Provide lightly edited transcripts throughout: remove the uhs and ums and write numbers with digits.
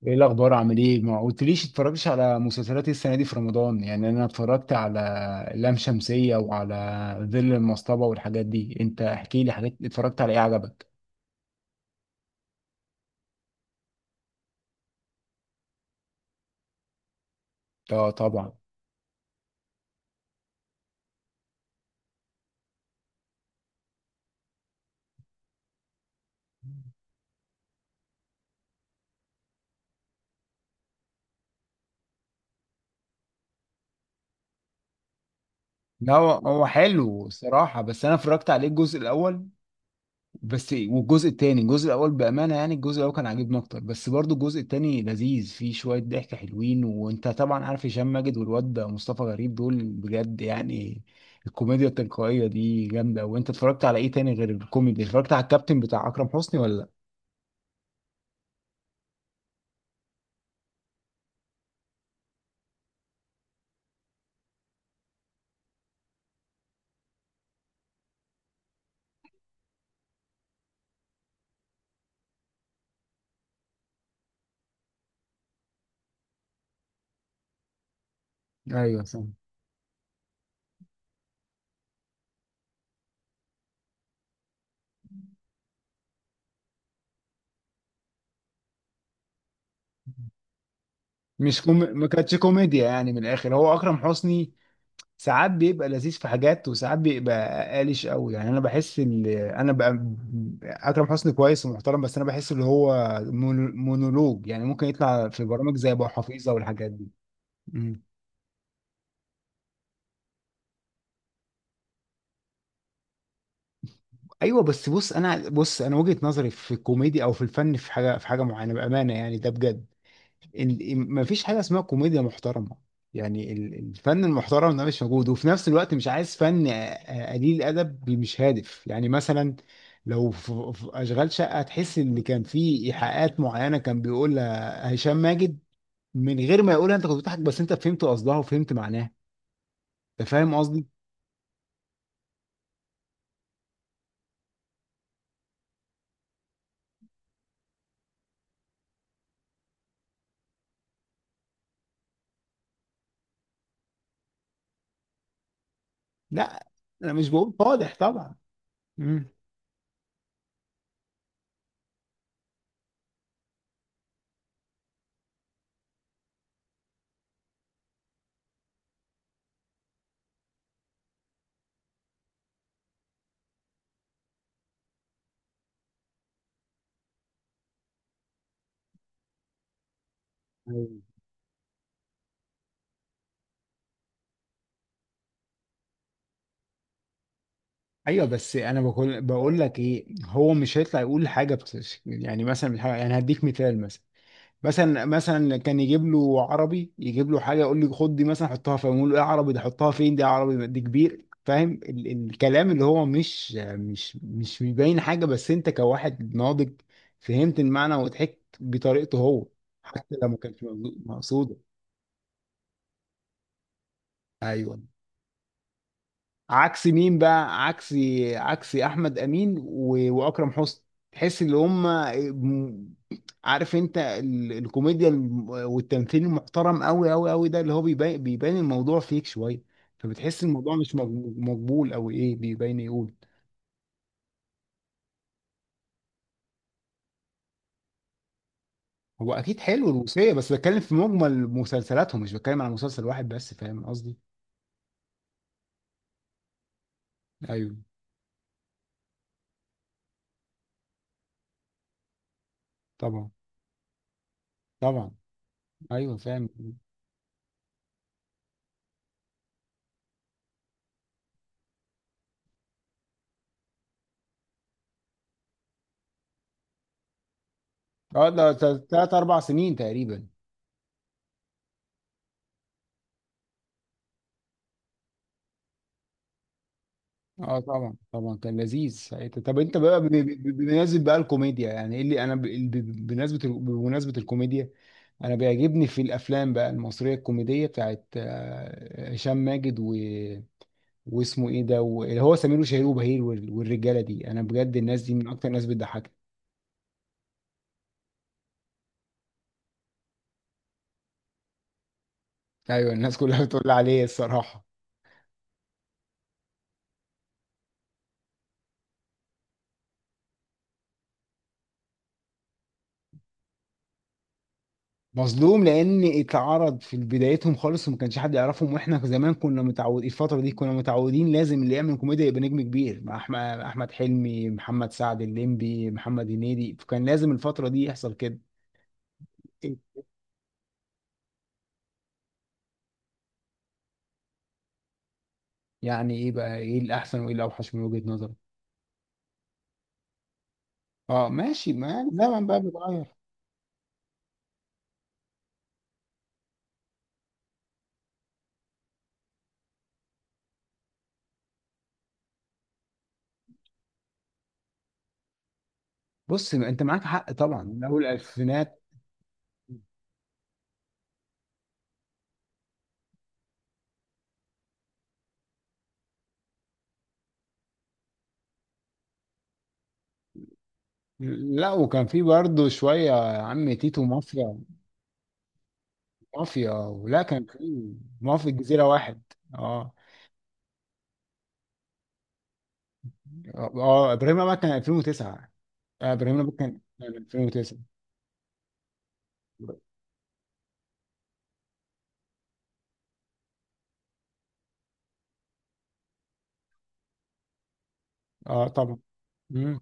ايه الاخبار؟ عامل ايه؟ ما قلتليش اتفرجتش على مسلسلات إيه السنه دي في رمضان؟ يعني انا اتفرجت على لام شمسيه وعلى ظل المصطبه والحاجات دي. انت احكي لي، حاجات اتفرجت على ايه عجبك؟ اه طبعا. لا، هو حلو الصراحه، بس انا اتفرجت عليه الجزء الاول بس والجزء التاني. الجزء الاول بامانه، يعني الجزء الاول كان عاجبني اكتر، بس برضو الجزء التاني لذيذ، فيه شويه ضحك حلوين. وانت طبعا عارف هشام ماجد، والواد ده مصطفى غريب، دول بجد يعني الكوميديا التلقائيه دي جامده. وانت اتفرجت على ايه تاني غير الكوميدي؟ اتفرجت على الكابتن بتاع اكرم حسني ولا؟ لا ايوه صح. مش كوم... ما كانتش كوميديا يعني، من الاخر هو اكرم حسني ساعات بيبقى لذيذ في حاجات، وساعات بيبقى قالش قوي. يعني انا بحس ان انا بقى اكرم حسني كويس ومحترم، بس انا بحس ان هو مونولوج. يعني ممكن يطلع في برامج زي ابو حفيظه والحاجات دي. مم. ايوه بس بص، انا وجهة نظري في الكوميديا او في الفن، في حاجه معينه، بامانه يعني، ده بجد. مفيش حاجه اسمها كوميديا محترمه. يعني الفن المحترم ده مش موجود، وفي نفس الوقت مش عايز فن قليل ادب مش هادف. يعني مثلا لو في اشغال شقه، تحس ان كان في ايحاءات معينه كان بيقولها هشام ماجد من غير ما يقولها، انت كنت بتضحك بس انت فهمت قصدها وفهمت معناها. انت فاهم قصدي؟ لا انا مش بقول فاضح طبعا. مم. أيوة. ايوه بس انا بقول لك ايه، هو مش هيطلع يقول حاجه يعني مثلا مش يعني هديك مثال. مثلا كان يجيب له عربي، يجيب له حاجه يقول لي خد دي مثلا حطها فين، يقول له ايه عربي ده حطها فين؟ دي عربي دي كبير. فاهم الكلام اللي هو مش بيبين حاجه، بس انت كواحد ناضج فهمت المعنى وضحكت بطريقته هو، حتى لو ما كانش مقصوده. ايوه. عكس مين بقى؟ عكس احمد امين واكرم حسني. تحس ان هم، عارف، انت الكوميديا والتمثيل المحترم قوي قوي قوي ده اللي هو بيبان الموضوع فيك شويه. فبتحس الموضوع مش مقبول او ايه، بيبان يقول. هو اكيد حلو الروسيه، بس بتكلم في مجمل مسلسلاتهم، مش بتكلم على مسلسل واحد بس. فاهم قصدي؟ ايوه طبعا طبعا. ايوه فاهم. اه ده 3 4 سنين تقريبا. اه طبعا طبعا، كان لذيذ ساعتها. طب انت بقى بمناسبة بقى الكوميديا، يعني ايه اللي انا بمناسبة الكوميديا، انا بيعجبني في الافلام بقى المصرية الكوميدية بتاعت هشام ماجد واسمه ايه ده اللي هو سمير وشهير وبهير والرجالة دي، انا بجد الناس دي من اكتر الناس بتضحكني. ايوه الناس كلها بتقول عليه الصراحة. مظلوم لان اتعرض في بدايتهم خالص وما كانش حد يعرفهم. واحنا زمان كنا متعودين، الفتره دي كنا متعودين لازم اللي يعمل كوميديا يبقى نجم كبير، مع احمد حلمي، محمد سعد الليمبي، محمد هنيدي. فكان لازم الفتره دي يحصل كده. إيه؟ يعني ايه بقى، ايه الاحسن وايه الاوحش من وجهه نظرك؟ اه ماشي، ما زمان بقى بيتغير. بص ما انت معاك حق طبعا، من اول الالفينات. لا وكان في برضه شويه، يا عم تيتو، مافيا. مافيا ولا كان في؟ مافيا الجزيره واحد. اه اه، ابراهيم الابيض كان 2009. ابراهيم الابيض كان 2009. اه طبعا. مم.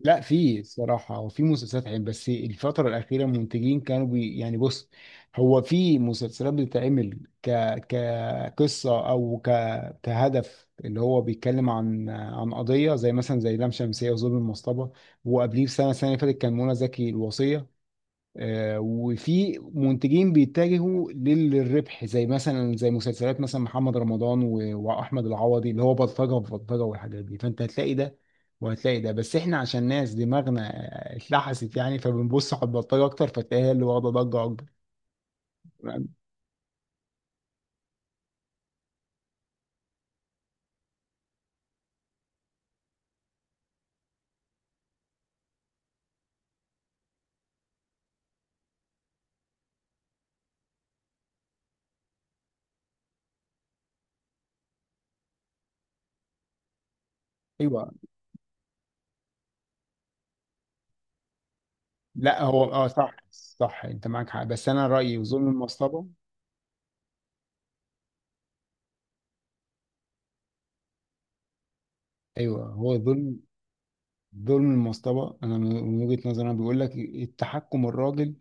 لا في الصراحة وفي مسلسلات حلوة، بس الفترة الأخيرة المنتجين كانوا يعني بص، هو في مسلسلات بتتعمل كقصة أو كهدف، اللي هو بيتكلم عن قضية، زي مثلا زي لام شمسية وظلم المصطبة. وقبليه بسنة، السنة اللي فاتت، كان منى زكي الوصية. وفي منتجين بيتجهوا للربح، زي مثلا زي مسلسلات مثلا محمد رمضان واحمد العوضي، اللي هو بلطجه في بلطجه والحاجات دي. فانت هتلاقي ده وهتلاقي ده، بس احنا عشان ناس دماغنا اتلحست يعني، فبنبص على البلطجه اكتر، فتلاقيها اللي واخده ضجه اكبر. ايوه. لا هو اه صح صح، انت معاك حق، بس انا رايي ظلم المصطبه. ايوه هو ظلم المصطبه انا من وجهه نظري انا بيقول لك التحكم، الراجل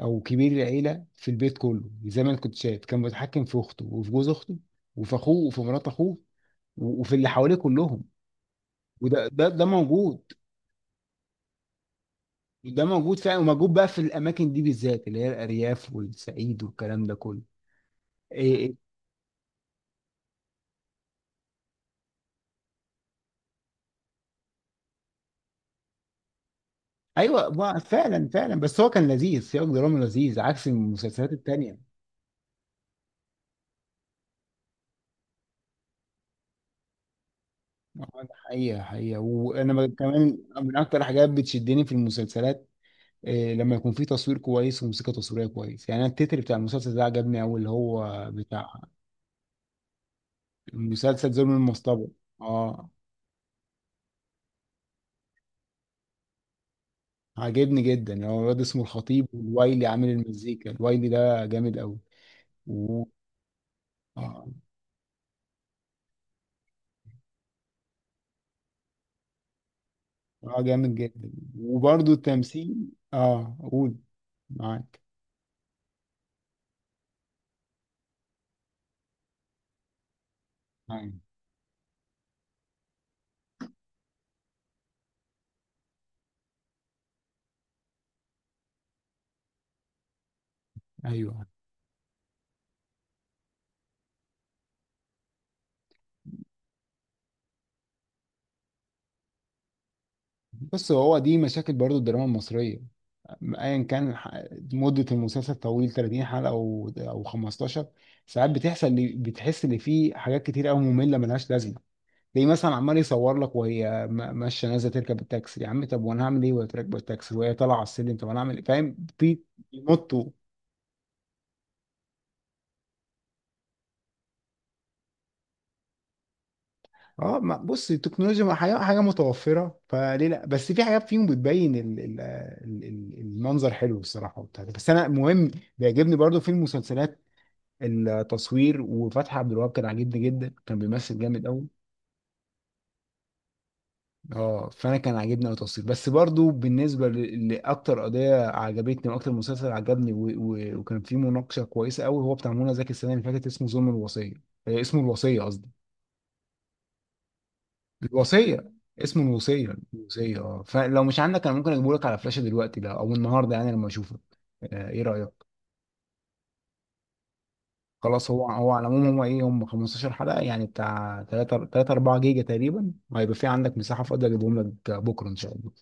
او كبير العيله في البيت كله، زي ما انا كنت شايف، كان متحكم في اخته وفي جوز اخته وفي اخوه وفي مرات اخوه وفي اللي حواليه كلهم. وده ده ده موجود. ده موجود فعلا، وموجود بقى في الاماكن دي بالذات اللي هي الارياف والصعيد والكلام ده كله. إيه إيه. ايوه فعلا فعلا، بس هو كان لذيذ، سياق درامي لذيذ عكس المسلسلات التانيه. ده حقيقة حقيقة. وأنا كمان من أكتر حاجات بتشدني في المسلسلات، إيه لما يكون في تصوير كويس وموسيقى تصويريه كويس. يعني انا التتر بتاع المسلسل ده عجبني قوي، اللي هو بتاع المسلسل ظلم المصطبه. اه عجبني جدا، هو الواد اسمه الخطيب والوايلي عامل المزيكا، الوايلي ده جامد قوي و... اه اه جامد جدا. وبرده التمثيل. اه قول. معاك معاك. ايوه بص، هو دي مشاكل برضو الدراما المصريه، ايا كان مده المسلسل طويل، 30 حلقه او 15. ساعات بتحس ان في حاجات كتير قوي ممله ملهاش لازمه. زي مثلا عمال يصور لك وهي ماشيه نازله تركب التاكسي، يا عم طب وانا هعمل ايه وهي راكبه التاكسي وهي طالعه على السلم؟ طب انا هعمل ايه؟ فاهم، في بيمطوا. اه بص التكنولوجيا ما حاجه متوفره، فليه لا، بس في حاجات فيهم بتبين ال المنظر حلو الصراحه وبتاع ده. بس انا مهم بيعجبني برضو في المسلسلات التصوير، وفتحي عبد الوهاب كان عاجبني جدا، كان بيمثل جامد قوي. اه فانا كان عاجبني أوي التصوير. بس برضو بالنسبه لاكتر قضيه عجبتني واكتر مسلسل عجبني وكان فيه مناقشه كويسه قوي، هو بتاع منى زكي السنه اللي فاتت، اسمه ظلم الوصيه اسمه الوصيه قصدي. الوصيه، اسمه الوصيه، الوصيه. اه فلو مش عندك انا ممكن اجيبه لك على فلاشه دلوقتي ده او النهارده، يعني لما اشوفك. ايه رايك؟ خلاص. هو على العموم، هو ايه، هم 15 حلقة يعني، بتاع 3 3 4 جيجا تقريبا، وهيبقى في عندك مساحة فاضية، اجيبهم لك بكرة ان شاء الله.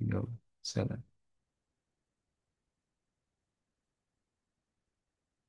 يلا. سلام.